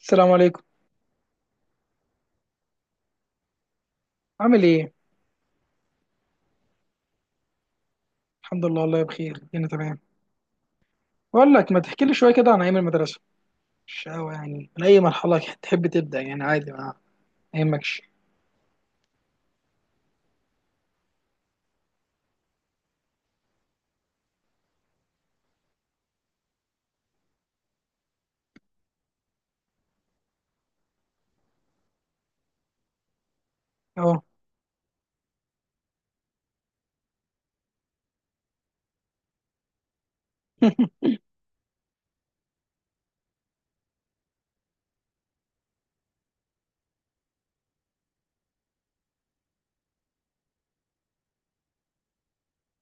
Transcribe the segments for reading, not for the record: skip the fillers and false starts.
السلام عليكم. عامل ايه؟ الحمد لله، والله بخير، انا تمام. بقول لك، ما تحكي لي شويه كده عن ايام المدرسه؟ مش قوي يعني، من اي مرحله تحب تبدا، يعني عادي، ما يهمكش. اه.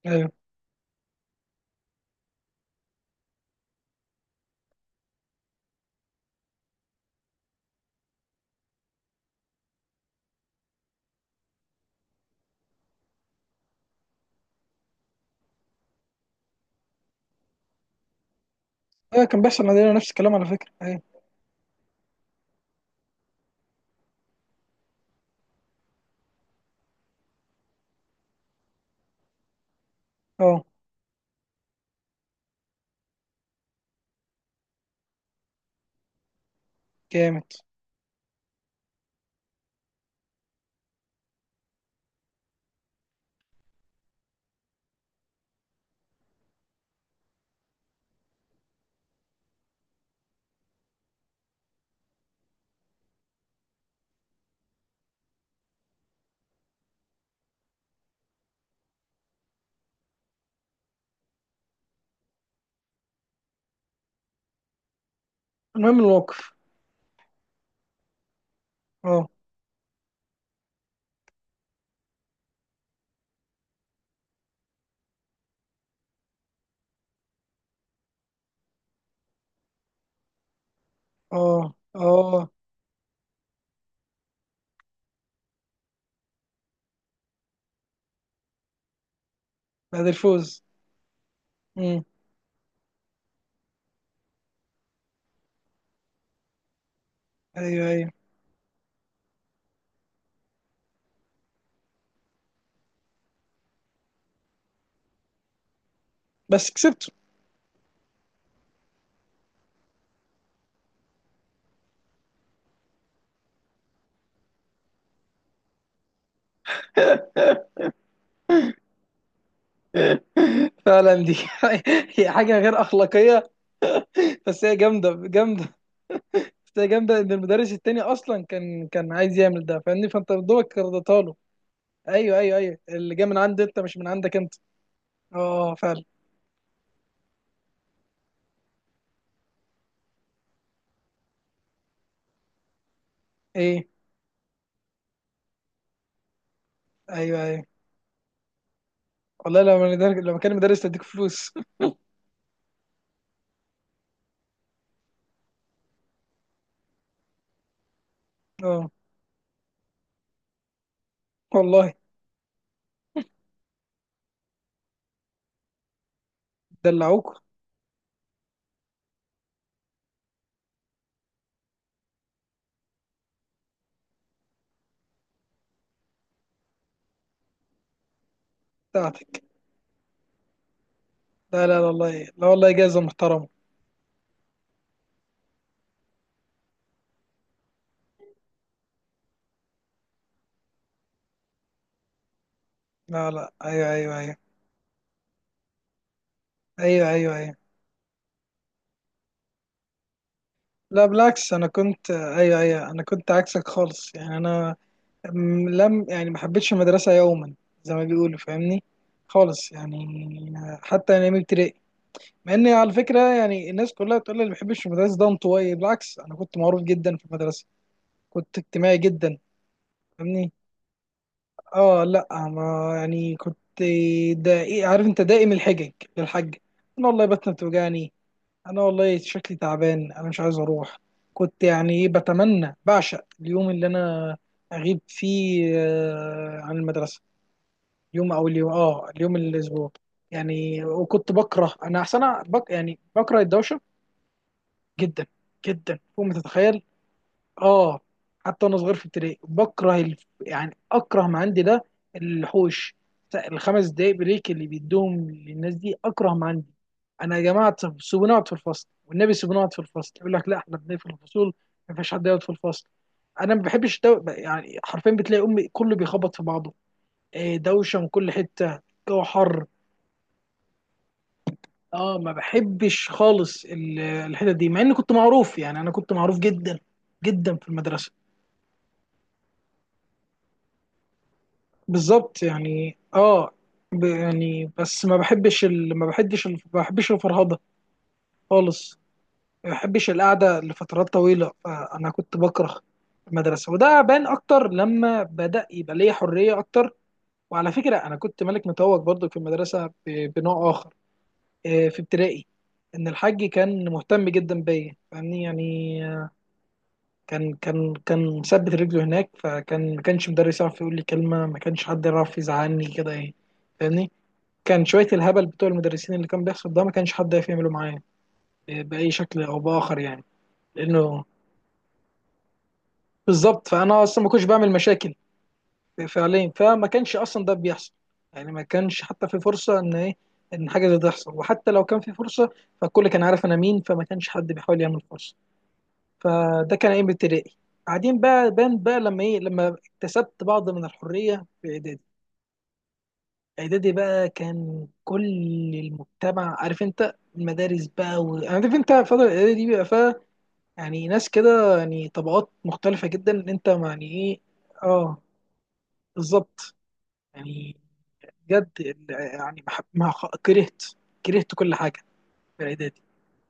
ايوه ايوه، كان بيحصل عندنا نفس الكلام على فكره. ايوه. اه، جامد. المهم الموقف. اه، اه، اه. بعد الفوز. امم، ايوه ايوه. بس كسبته. فعلا دي هي حاجه غير اخلاقيه. بس هي جامده جامده. بس هي جامده، ان المدرس التاني اصلا كان عايز يعمل ده، فاهمني؟ فانت دوبك رضيتها له. ايوه ايوه ايوه، اللي جاي من عند انت، مش من عندك انت. اه فعلا. ايه. ايوه ايوه، والله لو كان مدرس تديك فلوس. اه والله. دلعوك بتاعتك؟ لا لا لا، والله لا، والله جايزه محترمه. لا لا، ايوه ايوه ايوه. ايوه ايوه ايوه. لا بالعكس، انا كنت، ايوه ايوه، انا كنت عكسك خالص يعني. انا لم، يعني ما حبيتش المدرسه يوما، زي ما بيقولوا، فاهمني؟ خالص يعني. حتى انا من ابتدائي. مع ان على فكره، يعني الناس كلها بتقول لي اللي ما بيحبش المدرسه ده انطوائي. بالعكس، انا كنت معروف جدا في المدرسه. كنت اجتماعي جدا. فاهمني. اه لا، ما يعني كنت دقيق. عارف انت، دائم الحجج، للحج. انا والله بطني بتوجعني، انا والله شكلي تعبان، انا مش عايز اروح. كنت يعني إيه، بتمنى، بعشق اليوم اللي انا اغيب فيه عن المدرسه. يوم او اليوم، اه اليوم، الاسبوع يعني. وكنت بكره انا، احسن بك، يعني بكره الدوشه، جدا جدا فوق ما تتخيل. اه، حتى وانا صغير في ابتدائي بكره، يعني اكره ما عندي ده، الحوش، الـ5 دقايق بريك اللي بيدوهم للناس دي اكره ما عندي. انا يا جماعه، طب سيبوني اقعد في الفصل، والنبي سيبوني اقعد في الفصل. يقول لك لا، احنا بنقفل الفصول، ما فيش حد يقعد في الفصل. انا ما بحبش يعني حرفيا بتلاقي امي كله بيخبط في بعضه. إيه، دوشه من كل حته، الجو حر. اه، ما بحبش خالص الحتت دي، مع اني كنت معروف، يعني انا كنت معروف جدا جدا في المدرسه. بالظبط يعني. اه، يعني بس، ما بحبش الفرهده خالص. ما بحبش القعده لفترات طويله، فانا كنت بكره المدرسه. وده بان اكتر لما بدا يبقى ليا حريه اكتر. وعلى فكره انا كنت ملك متوج برضو في المدرسه، بنوع اخر في ابتدائي. ان الحاج كان مهتم جدا بيا، فاهمني يعني. كان مثبت رجله هناك، فكان ما كانش مدرس يعرف يقول لي كلمه، ما كانش حد يعرف يزعلني كده ايه، فاهمني. كان شويه الهبل بتوع المدرسين اللي كان بيحصل ده، ما كانش حد يعرف يعمله معايا باي شكل او باخر يعني. لانه بالظبط، فانا اصلا ما كنتش بعمل مشاكل فعليا، فما كانش اصلا ده بيحصل. يعني ما كانش حتى في فرصه ان ايه، ان حاجه زي ده تحصل. وحتى لو كان في فرصه، فالكل كان عارف انا مين، فما كانش حد بيحاول يعمل فرصه. فده كان ايام ابتدائي. بعدين بقى بان بقى لما ايه، لما اكتسبت بعض من الحريه في اعدادي. اعدادي بقى، كان كل المجتمع عارف انت، المدارس بقى، عارف انت فتره الاعدادي دي بيبقى فيها يعني ناس كده، يعني طبقات مختلفه جدا، ان انت يعني ايه. اه بالظبط يعني. بجد يعني ما حب- ما خ- كرهت كرهت كل حاجه في اعدادي.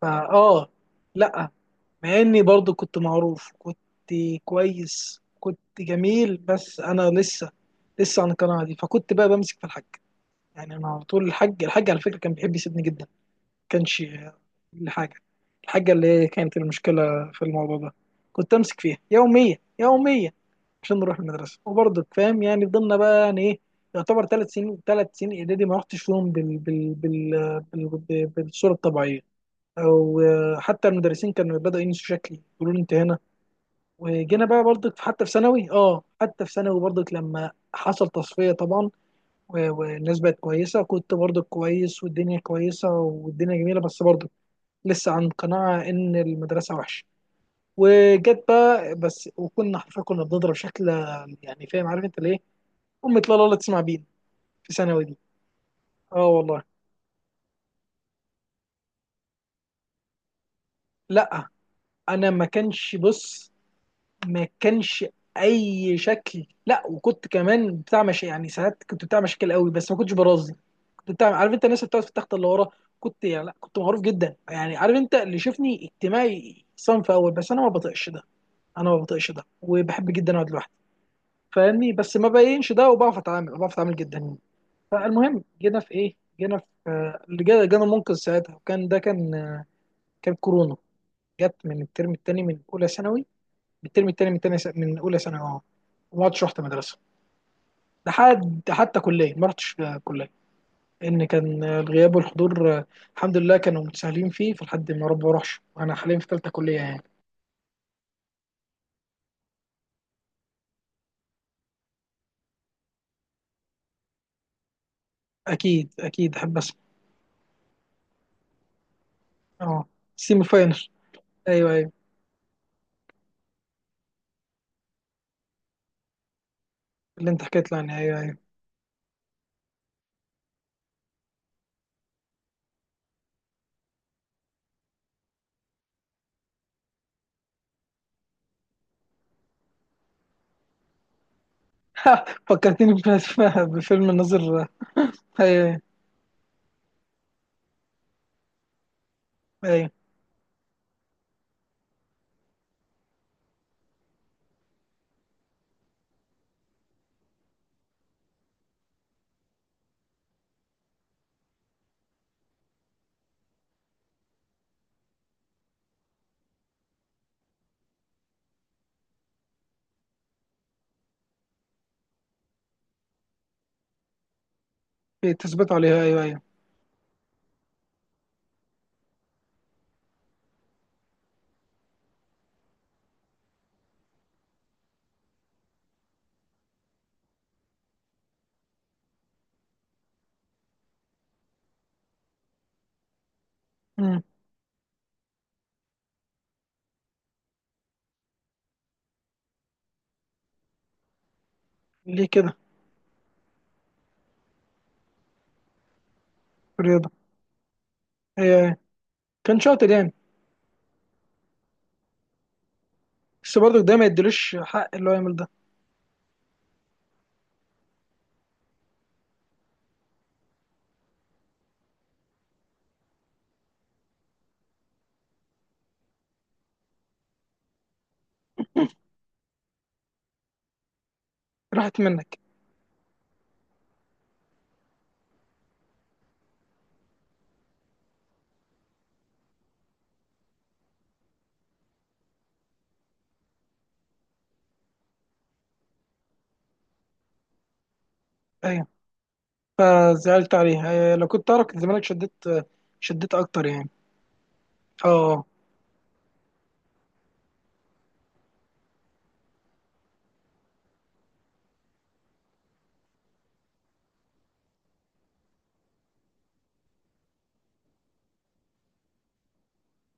فاه لا، مع اني برضو كنت معروف، كنت كويس، كنت جميل، بس انا لسه عن القناعه دي، فكنت بقى بمسك في الحاج. يعني انا على طول الحاج، الحاج على فكره كان بيحب يسيبني جدا، ما كانش لحاجه. الحاجه اللي هي كانت المشكله في الموضوع ده، كنت امسك فيها يوميا يوميا عشان نروح المدرسه. وبرضو فاهم يعني، فضلنا بقى، يعني ايه، يعتبر 3 سنين، 3 سنين اعدادي ما رحتش فيهم بالصوره الطبيعيه. او حتى المدرسين كانوا بدأوا ينسوا شكلي، يقولوا لي انت هنا. وجينا بقى برضك حتى في ثانوي، اه حتى في ثانوي برضك، لما حصل تصفية طبعا. والناس بقت كويسة، كنت برضك كويس، والدنيا كويسة، والدنيا جميلة، بس برضك لسه عن قناعة إن المدرسة وحشة. وجت بقى بس، وكنا حرفيا كنا بنضرب شكل، يعني فاهم، عارف انت ليه؟ أمك، لا لا لا تسمع بينا، في ثانوي دي. اه والله. لا، أنا ما كانش بص، ما كانش أي شكل. لا، وكنت كمان بتاع مش يعني، ساعات كنت بتاع مشاكل قوي، بس ما كنتش برازي. انت عارف انت الناس اللي بتقعد في التخت اللي ورا، كنت يعني. لا، كنت معروف جدا يعني، عارف انت اللي شفني اجتماعي صنف اول، بس انا ما بطيقش ده. انا ما بطيقش ده، وبحب جدا اقعد لوحدي، فاهمني؟ بس ما بينش ده، وبعرف اتعامل، بعرف اتعامل جدا. فالمهم جينا في ايه، جينا في اللي جانا المنقذ ساعتها، وكان ده كان كان كورونا. جت من الترم الثاني من اولى ثانوي، من الترم الثاني من تانية س- من اولى ثانوي، اه. وما عدتش رحت مدرسه لحد حتى كليه، ما رحتش كليه، لان كان الغياب والحضور، الحمد لله كانوا متساهلين فيه، فلحد ما رب اروحش، وانا حاليا في ثالثه كليه يعني. اكيد اكيد، احب اسمع. اه. سيمي فاينل. ايوه ايوه. اللي انت حكيت لي عنها، ايوه ايوه. فكرتني بفيلم الناظر. آه، ايوه، ايوه ايوه، تثبت عليها، ايوه ايوه. مم. ليه كده؟ في الرياضه. ايوه ايوه، كان شاطر يعني. بس برضه ده ما يديلوش حق اللي هو يعمل ده. راحت منك. ايوه، فزعلت عليها، أيوة. لو كنت اعرف كان زمانك شديت، شديت اكتر يعني. اه.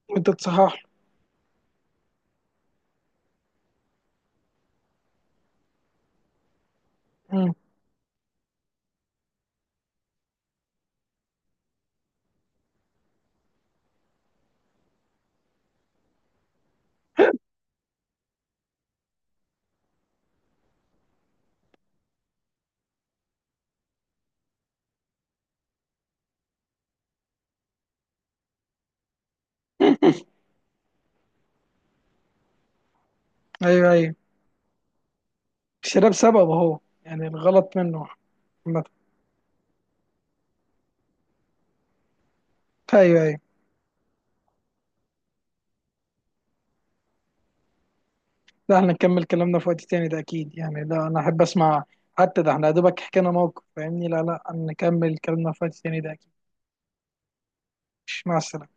وانت تصحح. مم. ايوه ايوه. الشراب سبب اهو، يعني الغلط منه. عامة. ايوه ايوه، لا احنا نكمل كلامنا في وقت تاني ده اكيد يعني، لا انا احب اسمع. حتى ده احنا يا دوبك حكينا موقف، فاهمني؟ لا لا، نكمل كلامنا في وقت تاني ده اكيد. مع السلامة.